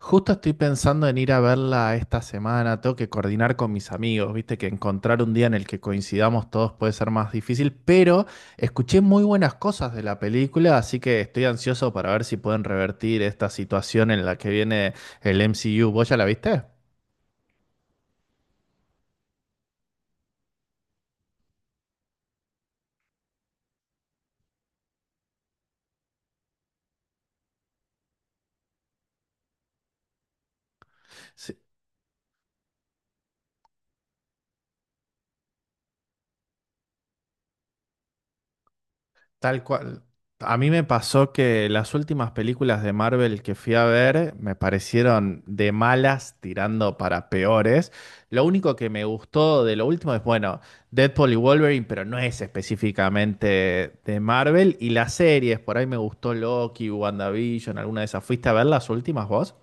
Justo estoy pensando en ir a verla esta semana, tengo que coordinar con mis amigos, viste que encontrar un día en el que coincidamos todos puede ser más difícil, pero escuché muy buenas cosas de la película, así que estoy ansioso para ver si pueden revertir esta situación en la que viene el MCU. ¿Vos ya la viste? Sí. Tal cual. A mí me pasó que las últimas películas de Marvel que fui a ver me parecieron de malas tirando para peores. Lo único que me gustó de lo último es, bueno, Deadpool y Wolverine, pero no es específicamente de Marvel. Y las series, por ahí me gustó Loki, WandaVision, alguna de esas. ¿Fuiste a ver las últimas vos?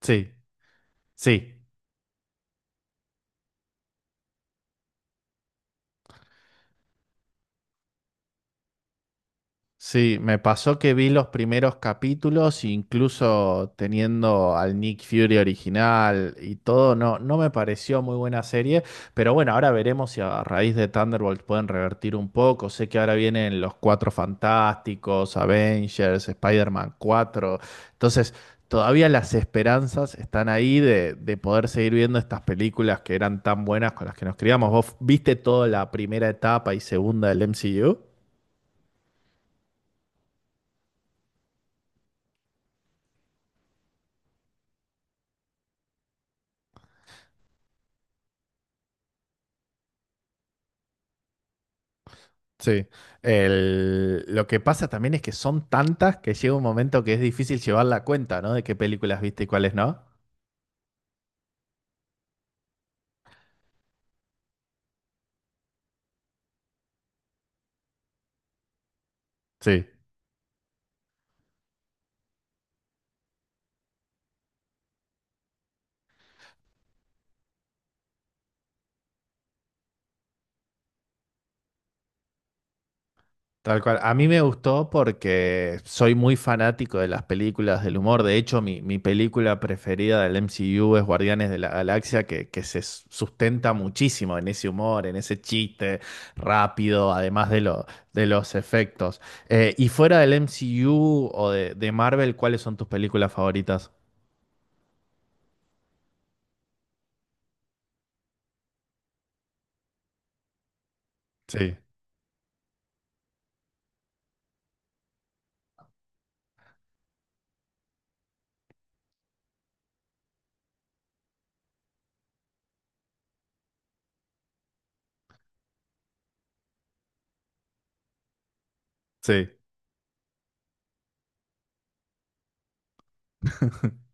Sí, sí. Sí, me pasó que vi los primeros capítulos, incluso teniendo al Nick Fury original y todo, no, no me pareció muy buena serie, pero bueno, ahora veremos si a raíz de Thunderbolt pueden revertir un poco. Sé que ahora vienen los Cuatro Fantásticos, Avengers, Spider-Man 4, entonces todavía las esperanzas están ahí de poder seguir viendo estas películas que eran tan buenas con las que nos criamos. ¿Vos viste toda la primera etapa y segunda del MCU? Sí. Lo que pasa también es que son tantas que llega un momento que es difícil llevar la cuenta, ¿no? De qué películas viste y cuáles no. Sí, tal cual. A mí me gustó porque soy muy fanático de las películas del humor. De hecho, mi película preferida del MCU es Guardianes de la Galaxia, que sustenta muchísimo en ese humor, en ese chiste rápido, además de los efectos. Y fuera del MCU o de Marvel, ¿cuáles son tus películas favoritas? Sí, sí.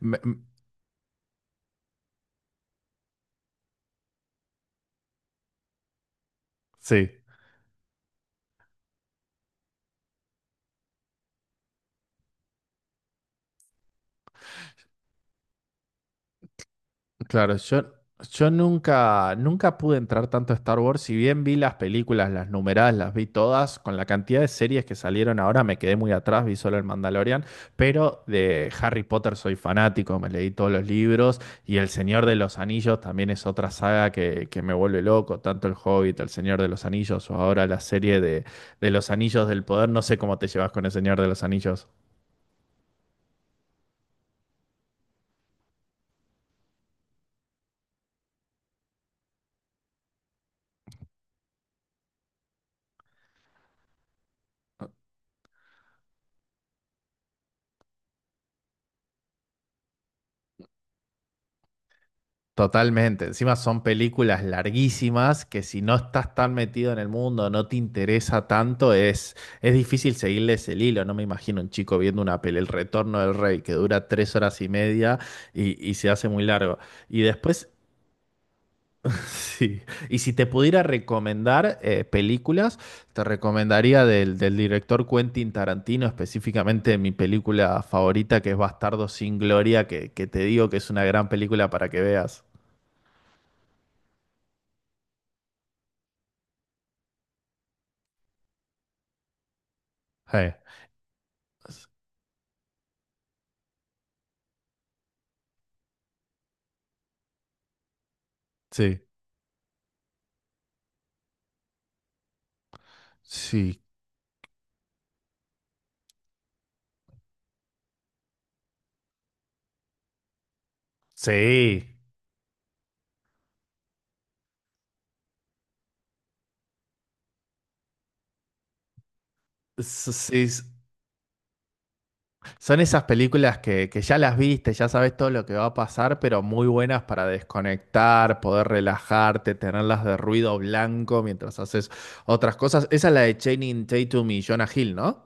Me- m- sí, claro, yo nunca pude entrar tanto a Star Wars. Si bien vi las películas, las numeradas, las vi todas, con la cantidad de series que salieron ahora me quedé muy atrás, vi solo el Mandalorian, pero de Harry Potter soy fanático, me leí todos los libros. Y El Señor de los Anillos también es otra saga que me vuelve loco, tanto El Hobbit, El Señor de los Anillos o ahora la serie de Los Anillos del Poder. No sé cómo te llevas con El Señor de los Anillos. Totalmente. Encima son películas larguísimas que si no estás tan metido en el mundo, no te interesa tanto, es difícil seguirles el hilo. No me imagino un chico viendo una peli, El Retorno del Rey, que dura tres horas y media y se hace muy largo. Y después, sí. Y si te pudiera recomendar películas, te recomendaría del director Quentin Tarantino, específicamente mi película favorita, que es Bastardo sin Gloria, que te digo que es una gran película para que veas. Sí. Sí, sí, sí. S- sí, s- Son esas películas que ya las viste, ya sabes todo lo que va a pasar, pero muy buenas para desconectar, poder relajarte, tenerlas de ruido blanco mientras haces otras cosas. Esa es la de Channing Tatum y Jonah Hill, ¿no?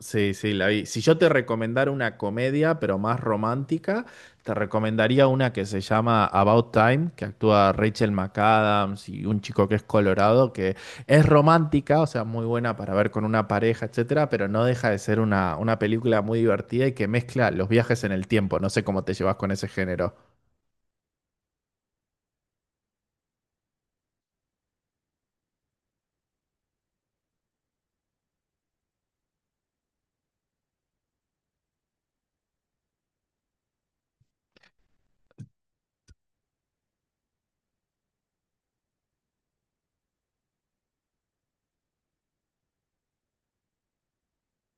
Sí, sí, la vi. Si yo te recomendara una comedia, pero más romántica, te recomendaría una que se llama About Time, que actúa Rachel McAdams y un chico que es colorado, que es romántica, o sea, muy buena para ver con una pareja, etcétera, pero no deja de ser una película muy divertida y que mezcla los viajes en el tiempo. No sé cómo te llevas con ese género.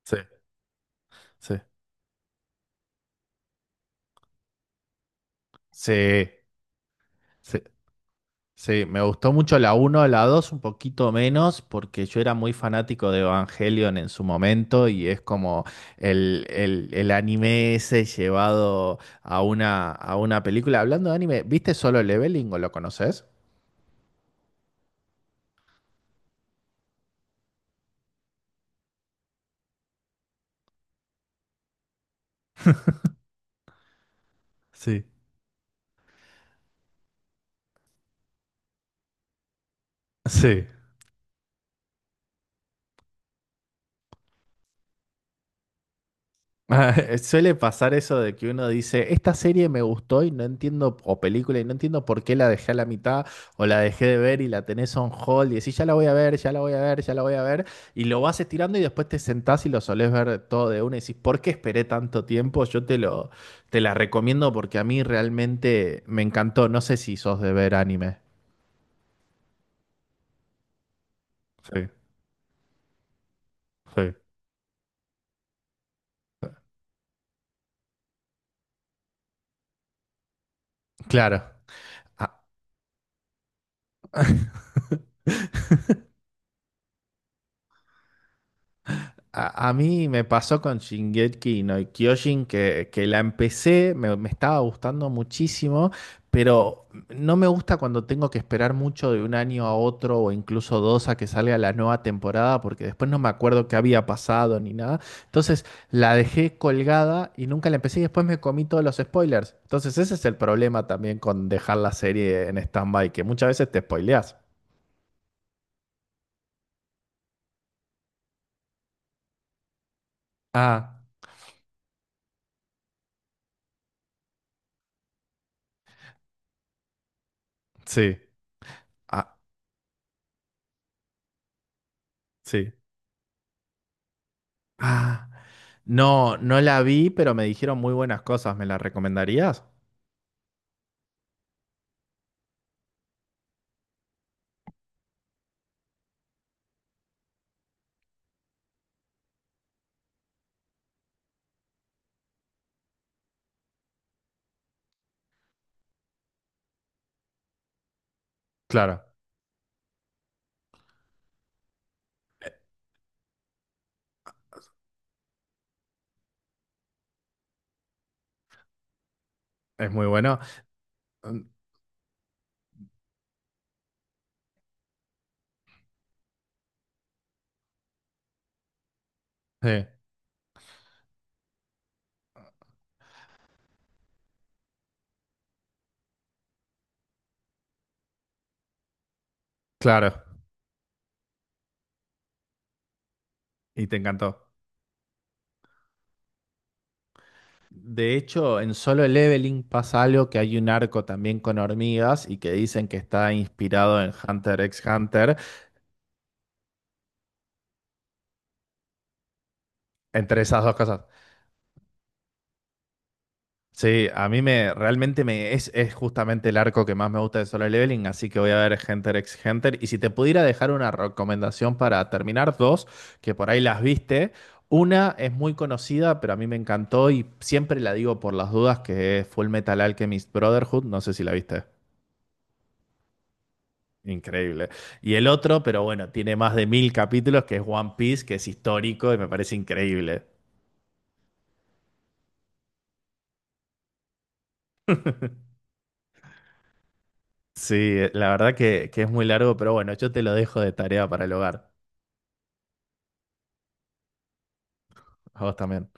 Sí, sí. Sí, sí. Sí, me gustó mucho la uno, la 2, un poquito menos, porque yo era muy fanático de Evangelion en su momento y es como el anime ese llevado a a una película. Hablando de anime, ¿viste Solo Leveling o lo conoces? Sí, sí. Suele pasar eso de que uno dice, esta serie me gustó y no entiendo, o película, y no entiendo por qué la dejé a la mitad, o la dejé de ver y la tenés on hold, y decís, ya la voy a ver, ya la voy a ver, ya la voy a ver, y lo vas estirando y después te sentás y lo solés ver todo de una y decís, ¿por qué esperé tanto tiempo? Te la recomiendo porque a mí realmente me encantó. No sé si sos de ver anime. Sí, sí. Claro. A mí me pasó con Shingeki no Kyojin que la empecé, me estaba gustando muchísimo, pero no me gusta cuando tengo que esperar mucho de un año a otro o incluso dos a que salga la nueva temporada, porque después no me acuerdo qué había pasado ni nada. Entonces la dejé colgada y nunca la empecé y después me comí todos los spoilers. Entonces ese es el problema también con dejar la serie en stand-by, que muchas veces te spoileas. Ah, sí. Ah, sí. Ah. No, no la vi, pero me dijeron muy buenas cosas. ¿Me la recomendarías? Claro, e- Es muy bueno. Mm, sí, claro. Y te encantó. De hecho, en Solo Leveling pasa algo que hay un arco también con hormigas y que dicen que está inspirado en Hunter x Hunter. Entre esas dos cosas. Sí, a mí me es justamente el arco que más me gusta de Solo Leveling, así que voy a ver Hunter x Hunter. Y si te pudiera dejar una recomendación para terminar, dos, que por ahí las viste. Una es muy conocida, pero a mí me encantó y siempre la digo por las dudas, que es Full Metal Alchemist Brotherhood. No sé si la viste. Increíble. Y el otro, pero bueno, tiene más de mil capítulos, que es One Piece, que es histórico y me parece increíble. Sí, la verdad que es muy largo, pero bueno, yo te lo dejo de tarea para el hogar. A vos también.